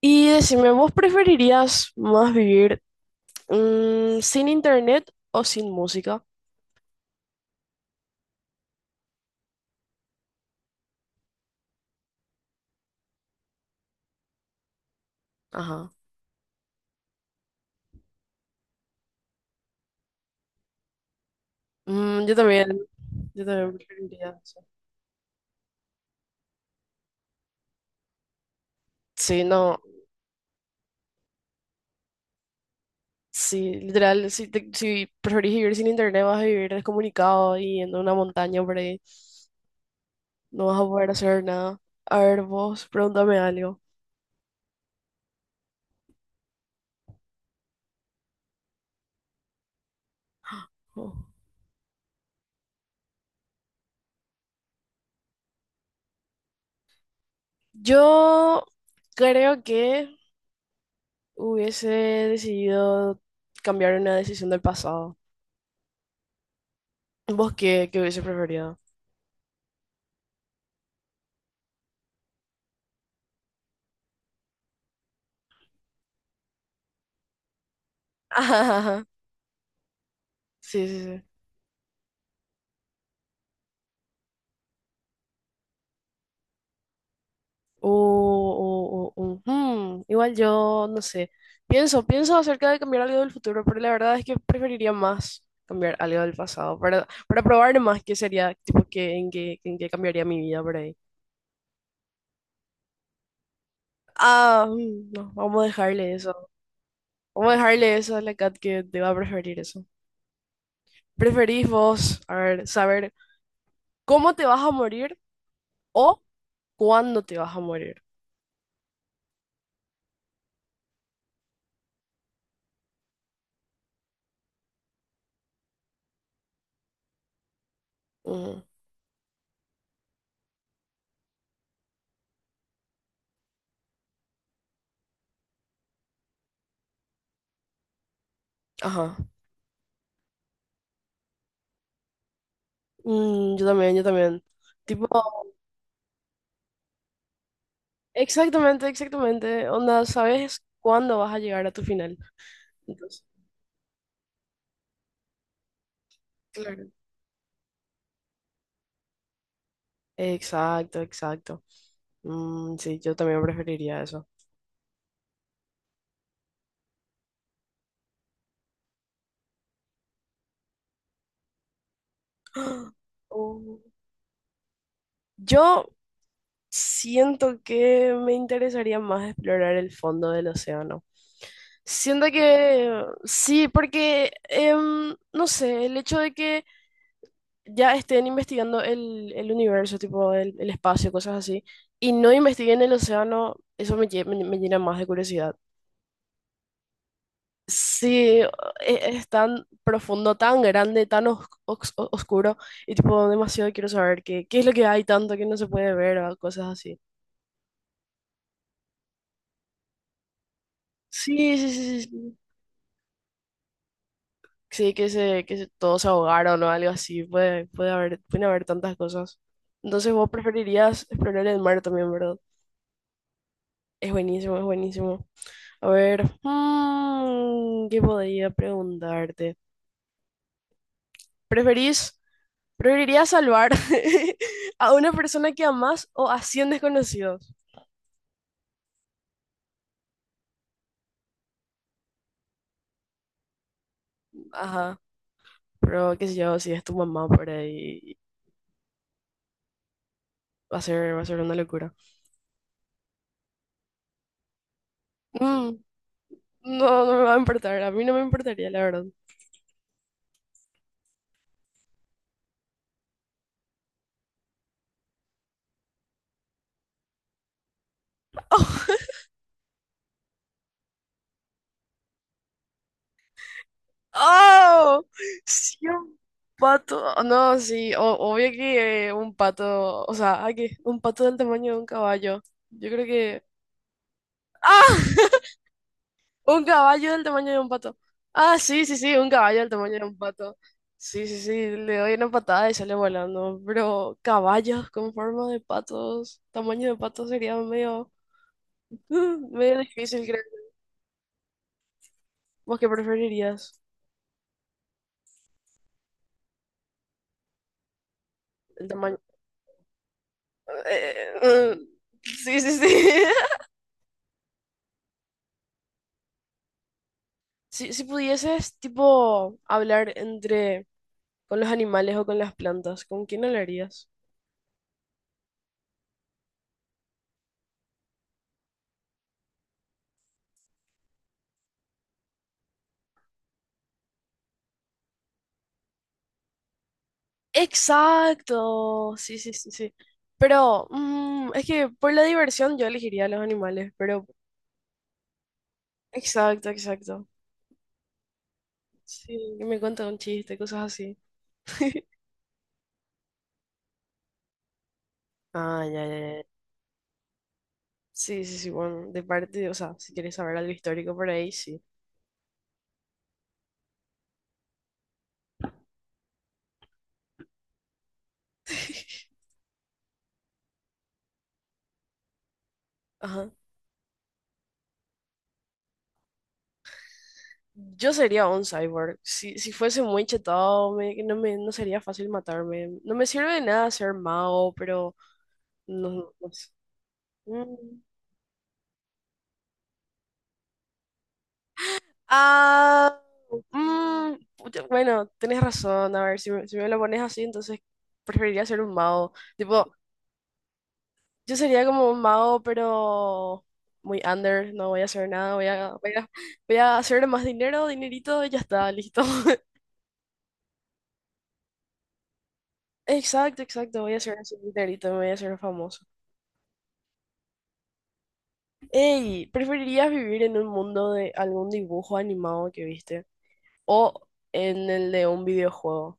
Y decime, ¿vos preferirías más vivir sin internet o sin música? Ajá. Mm, yo también preferiría eso. Sí, no, sí, literal, si, si preferís vivir sin internet vas a vivir descomunicado y en una montaña por ahí, no vas a poder hacer nada. A ver, vos, pregúntame algo. Oh. Yo creo que hubiese decidido cambiar una decisión del pasado. ¿Vos qué, qué hubiese preferido? Sí, sí, sí. Igual yo, no sé. Pienso acerca de cambiar algo del futuro, pero la verdad es que preferiría más cambiar algo del pasado para probar más qué sería, tipo, qué, en qué cambiaría mi vida por ahí. Ah, mm, no, vamos a dejarle eso. Vamos a dejarle eso a la cat que te va a preferir eso. ¿Preferís vos, a ver, saber cómo te vas a morir o cuándo te vas a morir? Mm, ajá. Mm, yo también, yo también. Tipo. Exactamente, exactamente. Onda, sabes cuándo vas a llegar a tu final. Entonces, claro. Exacto, exacto. Mm, sí, yo también preferiría eso. Oh. Yo siento que me interesaría más explorar el fondo del océano. Siento que sí, porque no sé, el hecho de que ya estén investigando el universo, tipo el espacio, cosas así, y no investiguen el océano, eso me llena más de curiosidad. Sí, e- es tan profundo, tan grande, tan oscuro, y tipo demasiado quiero saber qué, qué es lo que hay tanto que no se puede ver o cosas así. Sí, sí, sí, sí. Sí, sí, que se, todos se ahogaron o algo así, puede, puede haber, pueden haber tantas cosas. Entonces vos preferirías explorar el mar también, ¿verdad? Es buenísimo, es buenísimo. A ver, mm, ¿qué podría preguntarte? ¿Preferís, ¿preferirías salvar a una persona que amás o a 100 desconocidos? Ajá, pero qué sé yo, si es tu mamá por ahí, va a ser una locura. Mm, no, no me va a importar, a mí no me importaría, la verdad. ¡Oh! ¡Oh! Sí, un pato. Oh, no, sí, obvio que un pato, o sea, ay, que un pato del tamaño de un caballo. Yo creo que... ¡Ah! Un caballo del tamaño de un pato. Ah, sí, sí, sí, un caballo del tamaño de un pato. Sí, sí, sí, le doy una patada y sale volando. Pero caballos con forma de patos, tamaño de pato sería medio, medio difícil, creo. ¿Vos qué preferirías? El tamaño. Eh, eh, sí, sí, sí. Si, si pudieses, tipo, hablar entre con los animales o con las plantas, ¿con quién hablarías? Exacto, sí, sí, sí, sí. Pero mm, es que por la diversión yo elegiría los animales, pero... Exacto, exacto. Sí, que me cuenta un chiste, cosas así. Ah, ya, ya, ya. Sí, sí, sí, bueno, de parte, o sea, si quieres saber algo histórico por ahí, sí. Ajá. Yo sería un cyborg. Si, si fuese muy chetado, no sería fácil matarme. No me sirve de nada ser mago, pero no, no sé. Mm. Ah, mm, pucha, bueno, tenés razón. A ver, si, me si me lo pones así, entonces preferiría ser un mago. Tipo, yo sería como un mago, pero muy under. No voy a hacer nada. Voy a, voy a, voy a hacer más dinero, dinerito, y ya está, listo. Exacto, exacto. Voy a hacer así dinerito, me voy a hacer famoso. Ey, ¿preferirías vivir en un mundo de algún dibujo animado que viste? ¿O en el de un videojuego?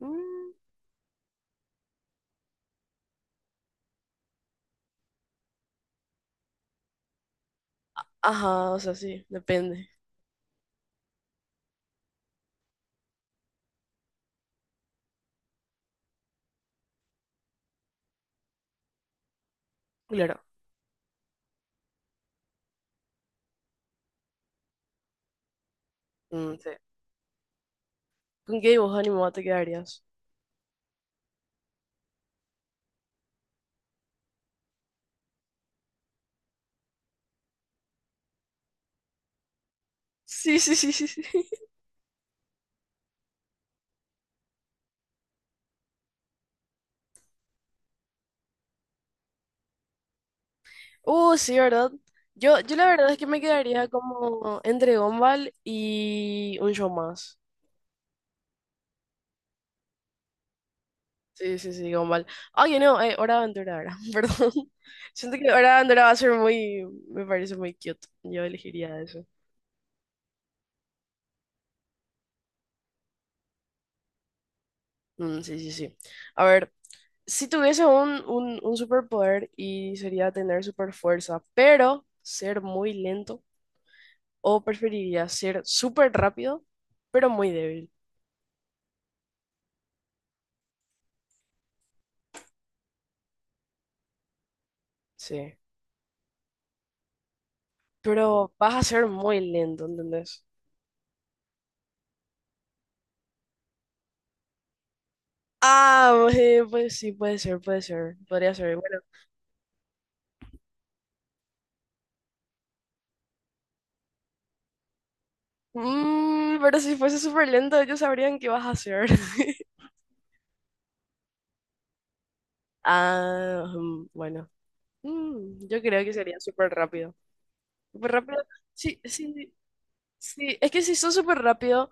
Mm, ajá, o sea, sí, depende. Claro. Mm, sí. ¿Con qué dibujo animado te quedarías? Sí, sí, sí, sí, sí. Sí, ¿verdad? Yo la verdad es que me quedaría como entre Gumball y un show más. Sí, sí, sí, Gumball. Ay, no, Hora de Aventura ahora, perdón. Siento que Hora de Aventura va a ser muy, me parece muy cute. Yo elegiría eso. Mm, sí, sí, sí. A ver, si tuviese un superpoder y sería tener super fuerza, pero ser muy lento. ¿O preferirías ser súper rápido, pero muy débil? Sí. Pero vas a ser muy lento, ¿entendés? Ah, pues sí, puede ser, puede ser. Podría ser, bueno. Mm, pero si fuese súper lento, ellos sabrían qué vas a hacer. Ah, mm, bueno. Mm, yo creo que sería súper rápido. Súper rápido. Sí, sí, sí. Es que si sos súper rápido,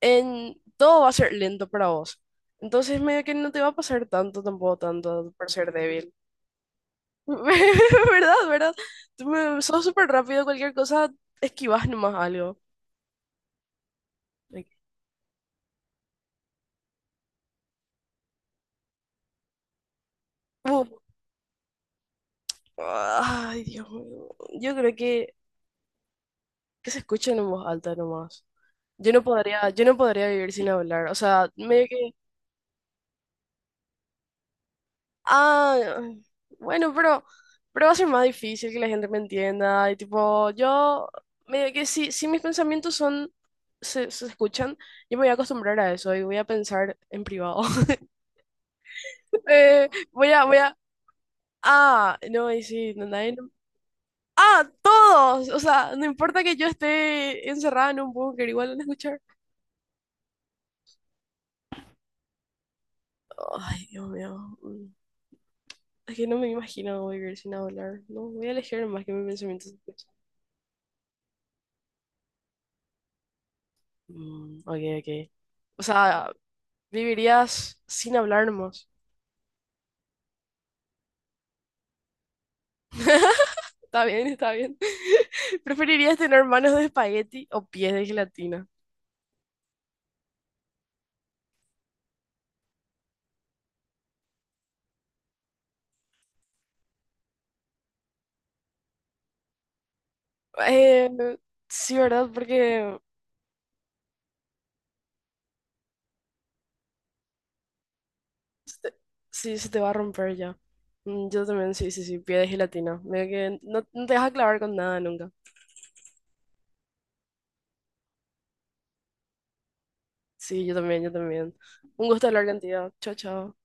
en... todo va a ser lento para vos. Entonces, medio que no te va a pasar tanto, tampoco tanto por ser débil. ¿Verdad? ¿Verdad? Sos súper rápido, cualquier cosa, esquivas nomás algo. Like, uh, ay, Dios mío. Yo creo que se escuchen en voz alta nomás. Yo no podría vivir sin hablar. O sea, medio que. Ah, bueno, pero va a ser más difícil que la gente me entienda. Y tipo, yo medio que si, si mis pensamientos son, se escuchan, yo me voy a acostumbrar a eso y voy a pensar en privado. Voy a, voy a, ah, no, y sí, no, nadie. Ah, todos. O sea, no importa que yo esté encerrada en un búnker, igual van a escuchar. Ay, Dios mío. Mm. Es que no me imagino vivir sin hablar. No, voy a elegir más que mi pensamiento. Mm, ok, ok. O sea, vivirías sin hablar nomás. Está bien, está bien. ¿Preferirías tener manos de espagueti o pies de gelatina? Eh, sí, ¿verdad? Porque sí, se te va a romper ya. Mm, yo también, sí, sí, sí, pie de gelatina. Medio que no, no te vas a clavar con nada nunca. Sí, yo también, yo también. Un gusto hablar contigo. Chao, chao.